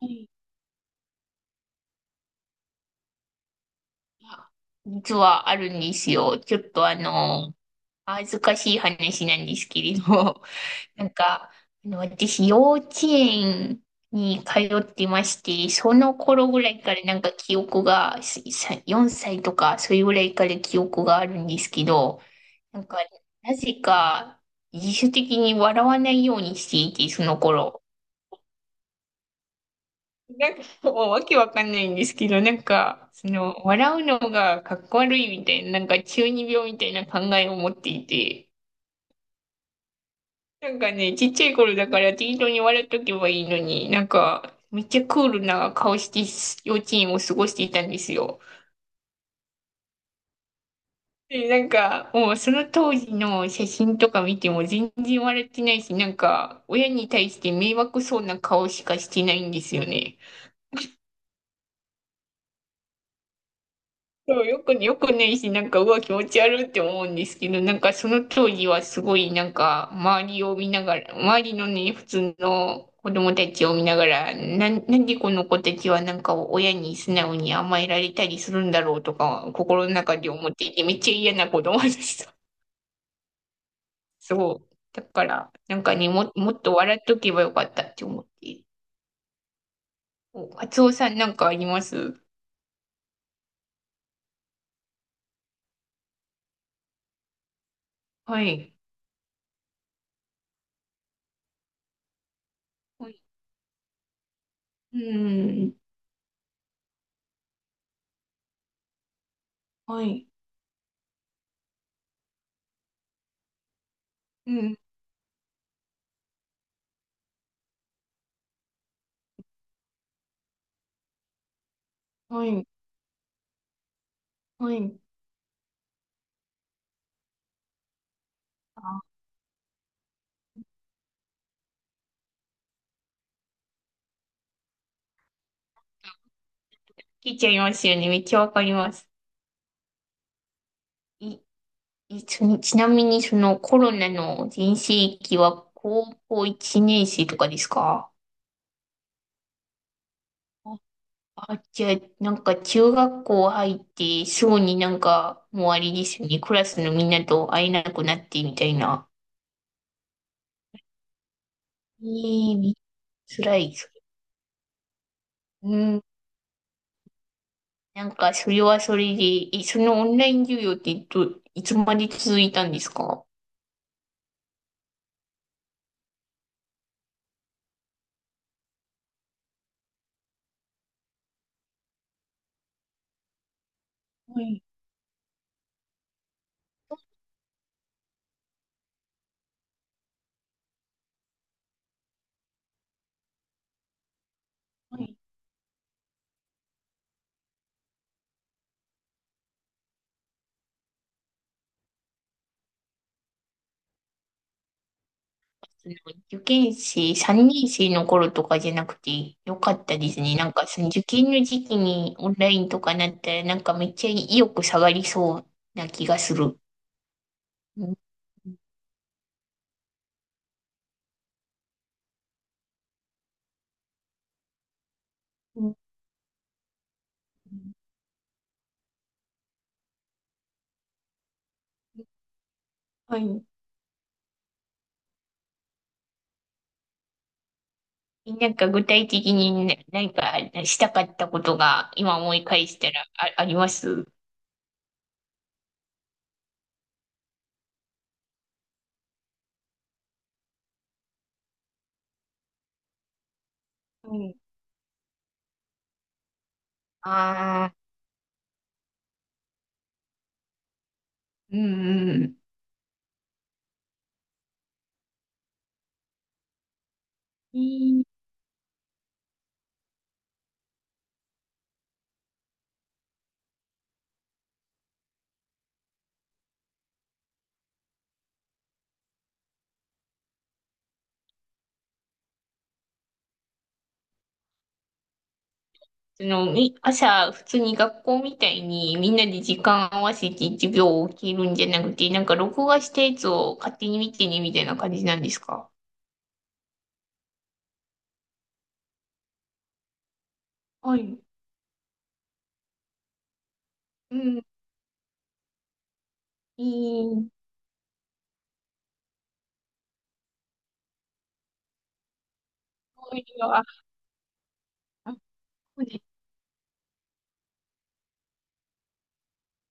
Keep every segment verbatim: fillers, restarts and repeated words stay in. はいや実はあるんですよ。ちょっとあの、恥ずかしい話なんですけれど、なんか、あの、私、幼稚園に通ってまして、その頃ぐらいからなんか記憶が、すさよんさいとか、それぐらいから記憶があるんですけど、なんか、なぜか、自主的に笑わないようにしていて、その頃。なんか、もうわけわかんないんですけど、なんか、その、笑うのがかっこ悪いみたいな、なんか中二病みたいな考えを持っていて、なんかね、ちっちゃい頃だから適当に笑っとけばいいのに、なんか、めっちゃクールな顔して幼稚園を過ごしていたんですよ。で、なんか、もうその当時の写真とか見ても全然笑ってないし、なんか、親に対して迷惑そうな顔しかしてないんですよね。そう、よく、よくねいし、なんか、うわ、気持ち悪いって思うんですけど、なんか、その当時はすごい、なんか、周りを見ながら、周りのね、普通の子供たちを見ながら、なん、なんでこの子たちは、なんか、親に素直に甘えられたりするんだろうとか、心の中で思っていて、めっちゃ嫌な子供でした。そう。だから、なんかね、も、もっと笑っとけばよかったって思って。お、カツオさんなんかあります？はい。はい。うん。はい。うん。はい。はい。あ、聞いちゃいますよね。めっちゃわかります。い、い、ちなちなみにそのコロナの全盛期は高校いちねん生とかですか？あ、あじゃあ、なんか中学校入ってすぐになんかもうあれですよね。クラスのみんなと会えなくなってみたいな。ええ、めっちゃ辛いです。うん。なんかそれはそれで、え、そのオンライン授業ってど、いつまで続いたんですか？はいはい。受験生、さんねん生の頃とかじゃなくてよかったですね。なんかその受験の時期にオンラインとかなったらなんかめっちゃ意欲下がりそうな気がする。うんうん。はい。なんか具体的にな何かしたかったことが今思い返したらあ、あります？はい。ああ、うんうん。その、み、朝、普通に学校みたいにみんなで時間合わせて授業を受けるんじゃなくて、なんか録画したやつを勝手に見てね、みたいな感じなんですか？はい。うん、いい。そういうのは、あそうです。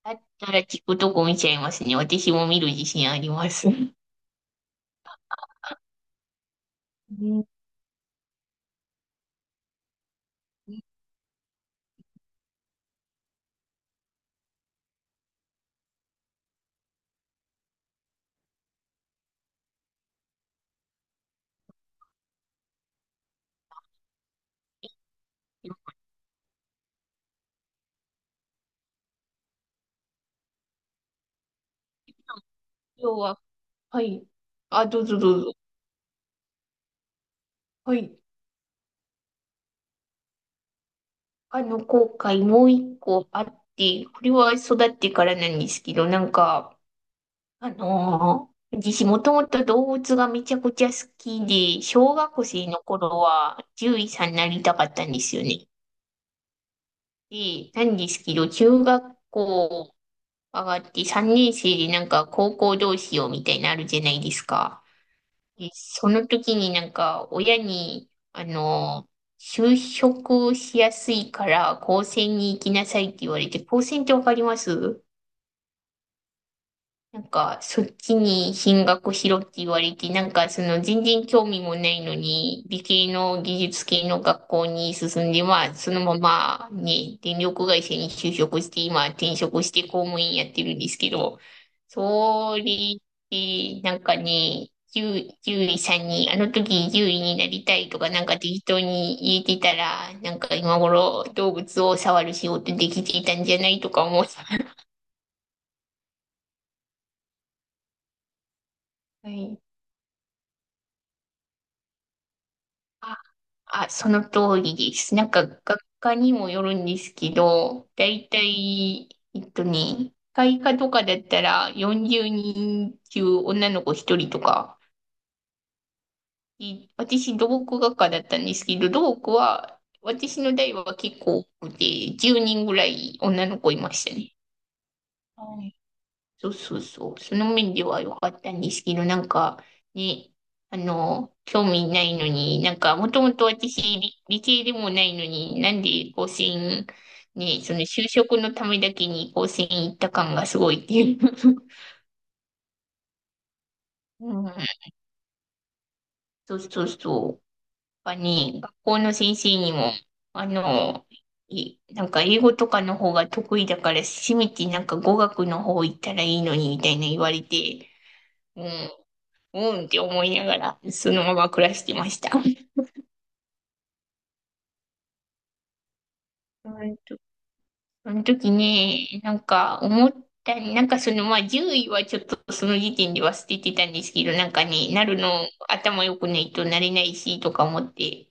だったら聞くとこ見ちゃいますね。私も見る自信あります。うん。今日は、はい。あ、どうぞどうぞ。はい。あの、後悔もう一個あって、これは育ってからなんですけど、なんか、あのー私もともと動物がめちゃくちゃ好きで、小学生の頃は獣医さんになりたかったんですよね。で、なんですけど、中学校上がってさんねん生でなんか高校どうしようみたいになるじゃないですか。で、その時になんか親に、あのー就職しやすいから高専に行きなさいって言われて、高専ってわかります？なんか、そっちに進学しろって言われて、なんか、その、全然興味もないのに、理系の技術系の学校に進んで、まあ、そのまま、ね、電力会社に就職して、今、転職して公務員やってるんですけど、それで、なんかね、じゅう、獣さんに、あの時獣医になりたいとか、なんか適当に言えてたら、なんか今頃動物を触る仕事できていたんじゃないとか思う。はい。あ、その通りです。なんか、学科にもよるんですけど、だいたい、えっとね、会科とかだったらよんじゅうにん中女の子ひとりとか、い私、土木学科だったんですけど、土木は、私の代は結構多くて、じゅうにんぐらい女の子いましたね。そうそうそう。その面では良かったんですけど、なんか、ね、あの、興味ないのに、なんか、もともと私理、理系でもないのに、なんで甲子園、ね、その就職のためだけに甲子園行った感がすごいっていう。うん、そうそうそう。やっぱね、学校の先生にも、あの、いなんか英語とかの方が得意だから、せめてなんか語学の方行ったらいいのに、みたいな言われて、うんうんって思いながら、そのまま暮らしてました。うんと、その時ね、なんか思った、なんかそのまあ獣医はちょっとその時点では捨ててたんですけど、なんかね、なるの頭良くないとなれないしとか思って、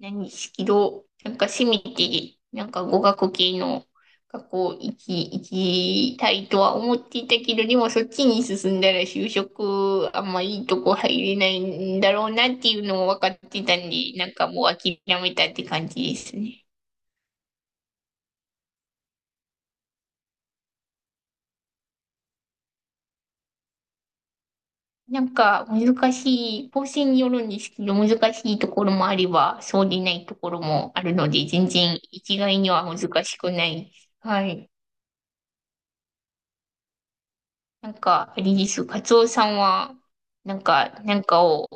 何しけなんかせめて、なんか語学系の学校行き、行きたいとは思っていたけど、でもそっちに進んだら就職あんまいいとこ入れないんだろうなっていうのも分かってたんで、なんかもう諦めたって感じですね。なんか難しい、構成によるんですけど、難しいところもあれば、そうでないところもあるので、全然一概には難しくないです。はい。なんか、あれです。カツオさんは、なんか、なんかを、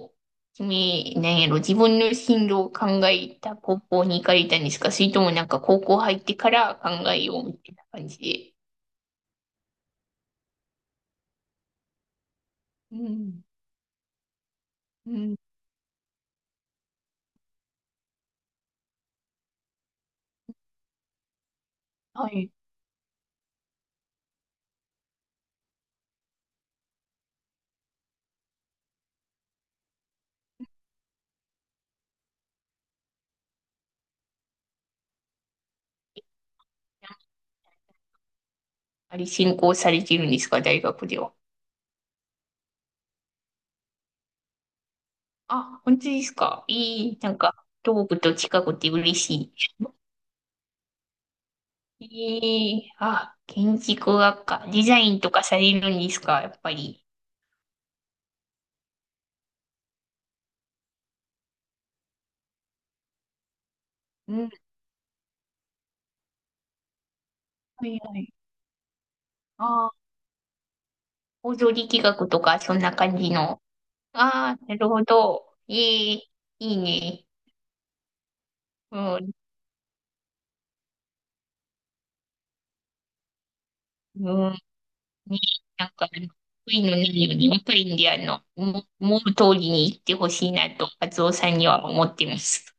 君、なんやろ、自分の進路を考えた高校に行かれたんですか？それともなんか高校入ってから考えようみたいな感じで。うん。うん。はい。あれ、進行されてるんですか大学では？あ、本当ですか？いい。なんか、東部と近くて嬉しい。いい。あ、建築学科。デザインとかされるんですかやっぱり？うん。はいはい。あ、大料力企画とか、そんな感じの。ああ、なるほど。ええ、いいね。うん、うん、ね、なんか、悔いのないように、若いんで、あの、思う思う通りに行ってほしいなと、カツオさんには思ってます。